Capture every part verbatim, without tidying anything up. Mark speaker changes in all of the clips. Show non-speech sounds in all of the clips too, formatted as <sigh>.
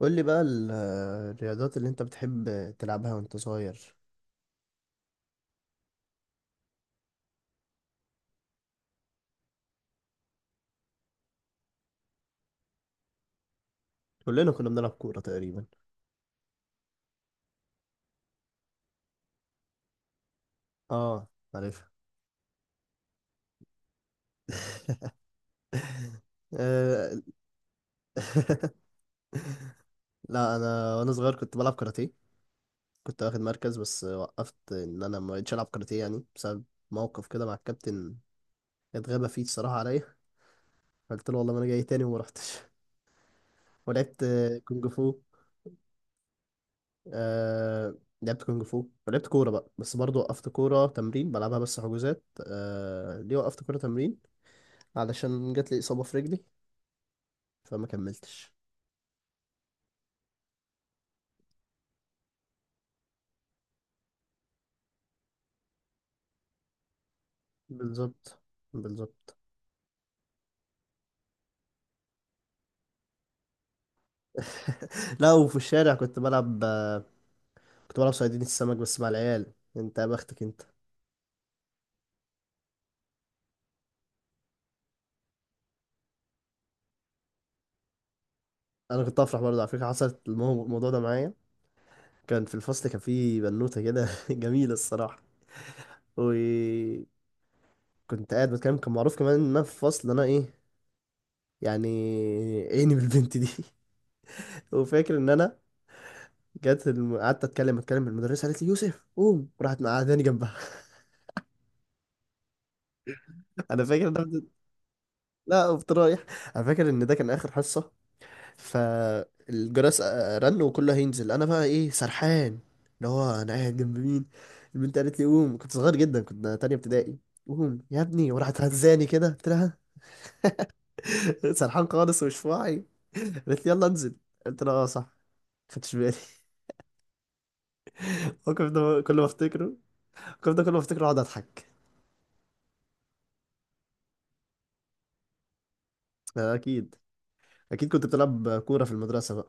Speaker 1: قول لي بقى ال- الرياضات اللي انت بتحب تلعبها وانت صغير. كلنا كنا بنلعب كورة تقريبا. اه، عارفها. آه، <laughs> لا، انا وانا صغير كنت بلعب كاراتيه. كنت واخد مركز بس وقفت ان انا ما بقتش العب كاراتيه يعني بسبب موقف كده مع الكابتن، اتغابى فيه الصراحة عليا. قلت له والله ما انا جاي تاني وما رحتش. <laughs> ولعبت كونج فو. آه، لعبت كونج فو ولعبت كورة بقى، بس برضه وقفت كورة تمرين بلعبها بس حجوزات. آه ليه وقفت كورة تمرين؟ علشان جات لي إصابة في رجلي، فما كملتش. بالظبط، بالظبط. <laughs> لا، وفي الشارع كنت بلعب كنت بلعب صيادين السمك بس مع العيال. انت يا بختك انت. انا كنت افرح برضه، على فكره حصلت المو- الموضوع ده معايا. كان في الفصل، كان في بنوته كده <laughs> جميله الصراحه. وكنت قاعد بتكلم. كان معروف كمان ان انا في الفصل انا ايه يعني، عيني بالبنت دي. <laughs> وفاكر ان انا جت. الم... قعدت اتكلم اتكلم. المدرسه قالت لي يوسف قوم، راحت مقعداني جنبها. <laughs> انا فاكر ان انا... لا، قمت رايح. انا فاكر ان ده كان اخر حصه، فالجرس آه، رن وكله هينزل، انا بقى ايه سرحان، اللي هو انا قاعد جنب مين؟ البنت قالت لي قوم. كنت صغير جدا، كنت تانية ابتدائي. قوم يا ابني، وراحت هزاني كده. قلت لها <laughs> سرحان خالص ومش في وعي. قالت لي يلا انزل. قلت لها اه صح، ما خدتش بالي. <laughs> الموقف ده كل ما افتكره، الموقف ده كل ما افتكره اقعد اضحك. آه، اكيد، اكيد. كنت بتلعب كورة في المدرسة بقى.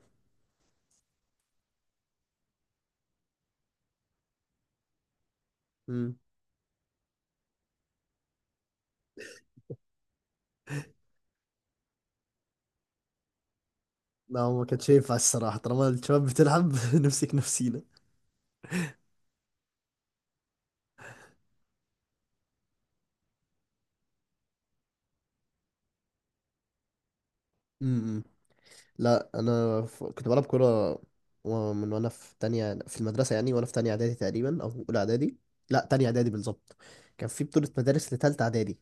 Speaker 1: امم. لا، هو ما كانش ينفع الصراحة طالما الشباب بتلعب <laughs> نمسك نفسينا. امم. لا انا ف... كنت بلعب كوره. و- من وانا في تانية في المدرسه يعني، وانا في تانية اعدادي تقريبا، او اولى اعدادي. لا، تانية اعدادي بالظبط. كان في بطوله مدارس لتالتة اعدادي،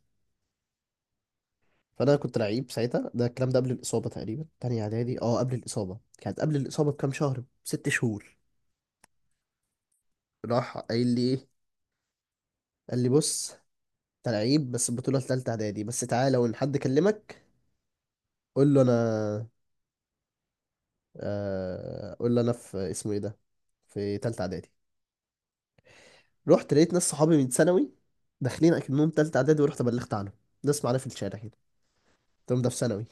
Speaker 1: فانا كنت لعيب ساعتها. ده الكلام ده قبل الاصابه تقريبا، تانية اعدادي، اه قبل الاصابه كانت قبل الاصابه بكام شهر، ست شهور. راح قايل لي ايه؟ قال لي بص، انت لعيب بس البطوله لتالتة اعدادي بس، تعالى وان حد كلمك قول له انا آه، قول له انا في اسمه ايه ده، في تالتة اعدادي. رحت لقيت ناس صحابي من ثانوي داخلين اكنهم تالتة اعدادي، ورحت بلغت عنهم. ناس معانا في الشارع كده. قلت لهم ده في ثانوي.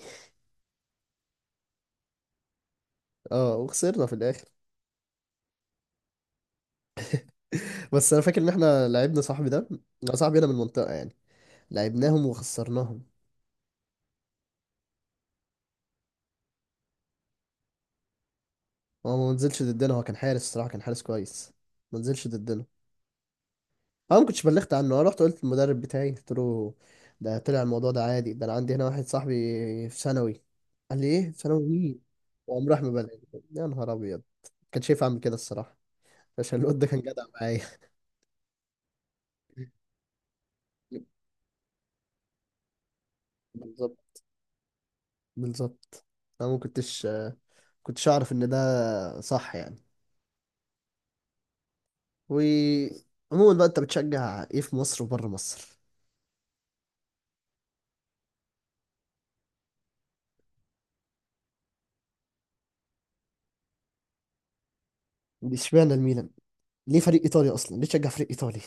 Speaker 1: اه، وخسرنا في الاخر. بس انا فاكر ان احنا لعبنا صاحبي ده، صاحبي انا من المنطقة يعني، لعبناهم وخسرناهم. هو ما نزلش ضدنا، هو كان حارس الصراحة، كان حارس كويس، ما نزلش ضدنا. انا ما كنتش بلغت عنه، انا رحت قلت للمدرب بتاعي، قلت له ده طلع الموضوع ده عادي، ده انا عندي هنا واحد صاحبي في ثانوي. قال لي ايه، في ثانوي مين؟ وقام راح مبلغ. يا نهار ابيض. كان شايف اعمل كده الصراحة عشان الواد ده كان جدع معايا. بالظبط، بالظبط. انا ما كنتش كنتش اعرف ان ده صح يعني. وعموما بقى، انت بتشجع ايه في مصر وبره مصر؟ اشمعنى الميلان؟ ليه فريق ايطالي اصلا؟ ليه تشجع فريق ايطالي؟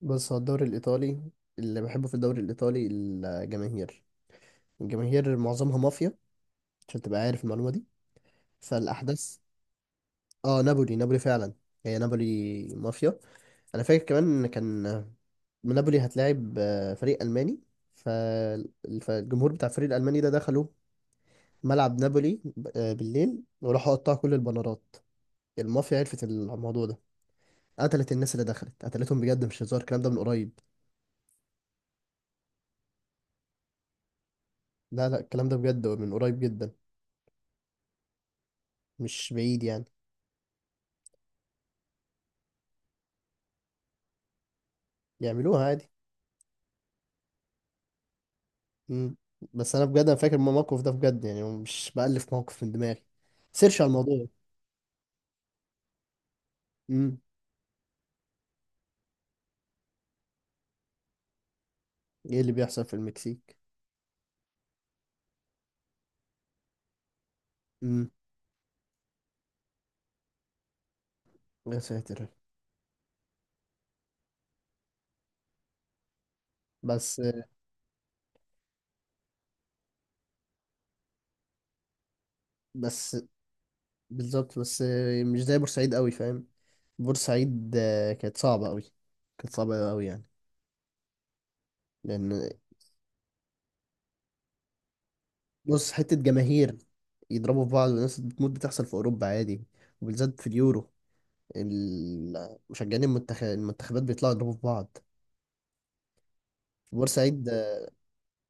Speaker 1: بص، هو الدوري الايطالي، اللي بحبه في الدوري الايطالي الجماهير. الجماهير معظمها مافيا، عشان تبقى عارف المعلومه دي، فالاحداث... اه، نابولي، نابولي فعلا. هي نابولي مافيا. انا فاكر كمان ان كان نابولي هتلاعب آه، فريق الماني. فال- فالجمهور بتاع الفريق الالماني ده دخلوا ملعب نابولي ب- آه، بالليل، وراحوا قطعوا كل البنرات. المافيا عرفت الموضوع ده، قتلت الناس اللي دخلت، قتلتهم بجد مش هزار. الكلام ده من قريب. لا لا، الكلام ده بجد من قريب جدا، مش بعيد يعني. يعملوها عادي. مم. بس انا بجد، انا فاكر الموقف ده بجد، يعني مش بألف موقف من دماغي. سيرش على الموضوع. مم. ايه اللي بيحصل في المكسيك؟ مم. يا ساتر. بس. بس. بالظبط، بس مش زي بورسعيد قوي، فاهم؟ بورسعيد آه، كانت صعبة قوي، كانت صعبة قوي يعني. لأن... بص، حتة جماهير يضربوا في بعض وناس بتموت بتحصل في أوروبا عادي، وبالذات في اليورو. ال- مشجعين المنتخب المنتخبات بيطلعوا يضربوا في بعض. في بورسعيد اه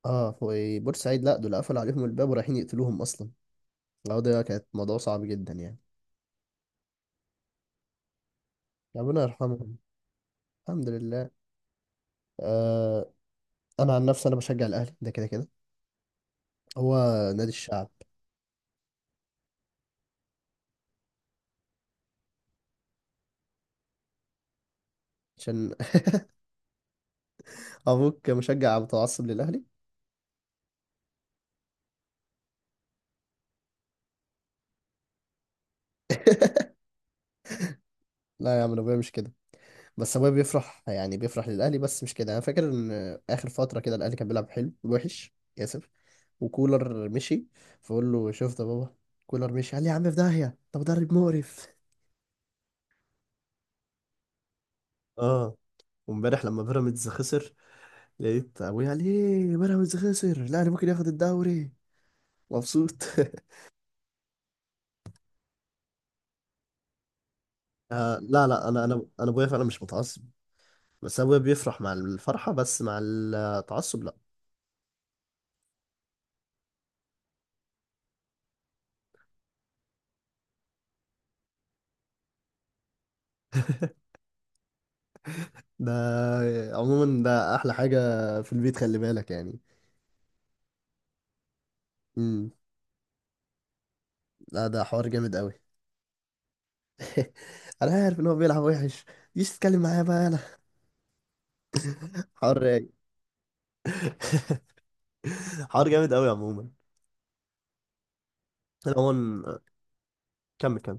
Speaker 1: آه، في بورسعيد لا، دول قفلوا عليهم الباب ورايحين يقتلوهم أصلا. العودة ده كانت موضوع صعب جدا يعني. ربنا يرحمهم. الحمد لله. آه أنا عن نفسي أنا بشجع الأهلي، ده كده كده. هو نادي الشعب. عشان <laughs> ابوك مشجع متعصب للاهلي. <laughs> لا يا عم، أنا ابويا مش كده. بس ابويا بيفرح، يعني بيفرح للاهلي بس، مش كده. انا فاكر ان اخر فتره كده الاهلي كان بيلعب حلو وحش، اسف، وكولر مشي. فقول له شفت يا بابا، كولر مشي. قال لي يا عم في داهيه، ده مدرب مقرف. اه، وامبارح لما بيراميدز خسر، لقيت ابويا قال ايه، بيراميدز خسر الاهلي ممكن ياخد الدوري. مبسوط. <laughs> آه لا لا، انا انا انا ابويا فعلا مش متعصب. بس ابويا بيفرح مع الفرحة بس، مع التعصب لا. <laughs> ده عموما ده احلى حاجة في البيت، خلي بالك يعني. امم. لا، ده حوار جامد قوي. <laughs> انا عارف ان هو بيلعب وحش. مش تتكلم معايا بقى انا. <laughs> حوار رايق. <laughs> حوار جامد قوي عموما. انا عموما، كمل، كمل.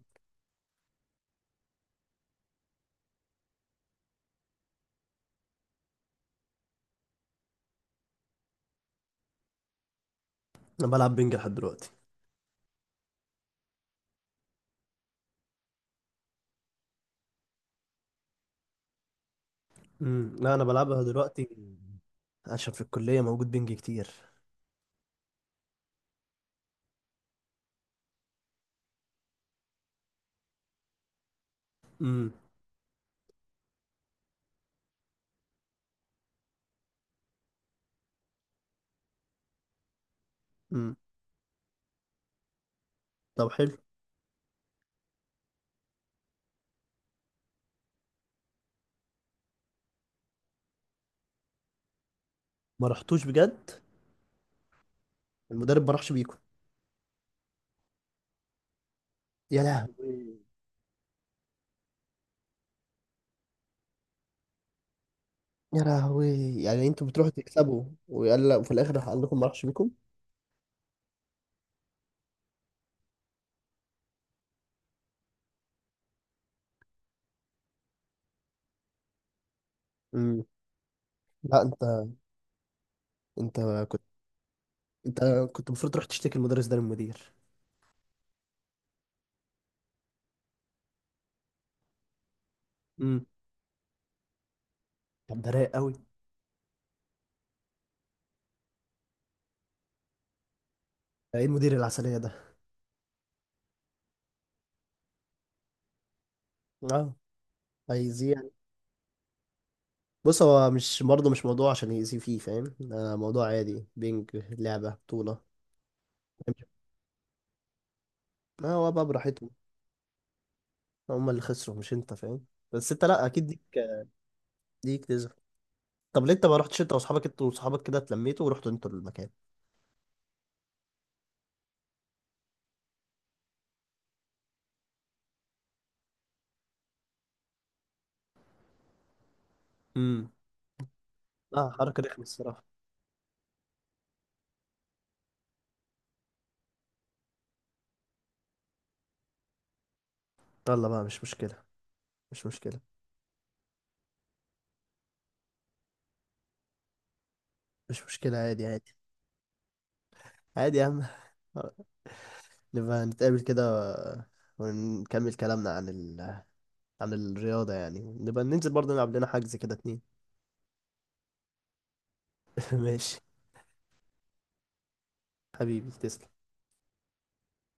Speaker 1: انا بلعب بينج لحد دلوقتي. امم. لا انا بلعبها دلوقتي عشان في الكلية موجود بينج كتير. امم. امم. طب حلو. ما رحتوش بجد؟ المدرب ما راحش بيكم؟ يا لهوي. يا لهوي. يعني انتوا بتروحوا تكسبوا ويقلق، وفي الاخر راح قال لكم ما راحش بيكم. امم. لا، انت انت كنت انت كنت المفروض تروح تشتكي المدرس ده للمدير. امم. طب ده رايق قوي. ده ايه المدير العسليه ده؟ اه، هيأذيه يعني. بص، هو مش برضه مش موضوع عشان يأذيه فيه، فاهم؟ ده موضوع عادي، بينج، لعبه بطوله. ما هو بقى براحتهم. هم اللي خسروا مش انت، فاهم؟ بس انت لا اكيد ليك ليك تزعل. طب ليه انت ما رحتش انت واصحابك، انت واصحابك كده اتلميتوا ورحتوا انتوا المكان. امم. لا، حركه رخمه الصراحه. يلا بقى، مش مشكلة، مش مشكلة. مش مشكلة، عادي، عادي. عادي يا عم. <laughs> نبقى نتقابل كده، ونكمل كلامنا عن ال... عن الرياضة يعني. نبقى ننزل برضه، نلعب لنا حجز كده اتنين. <laughs> ماشي. حبيبي تسلم.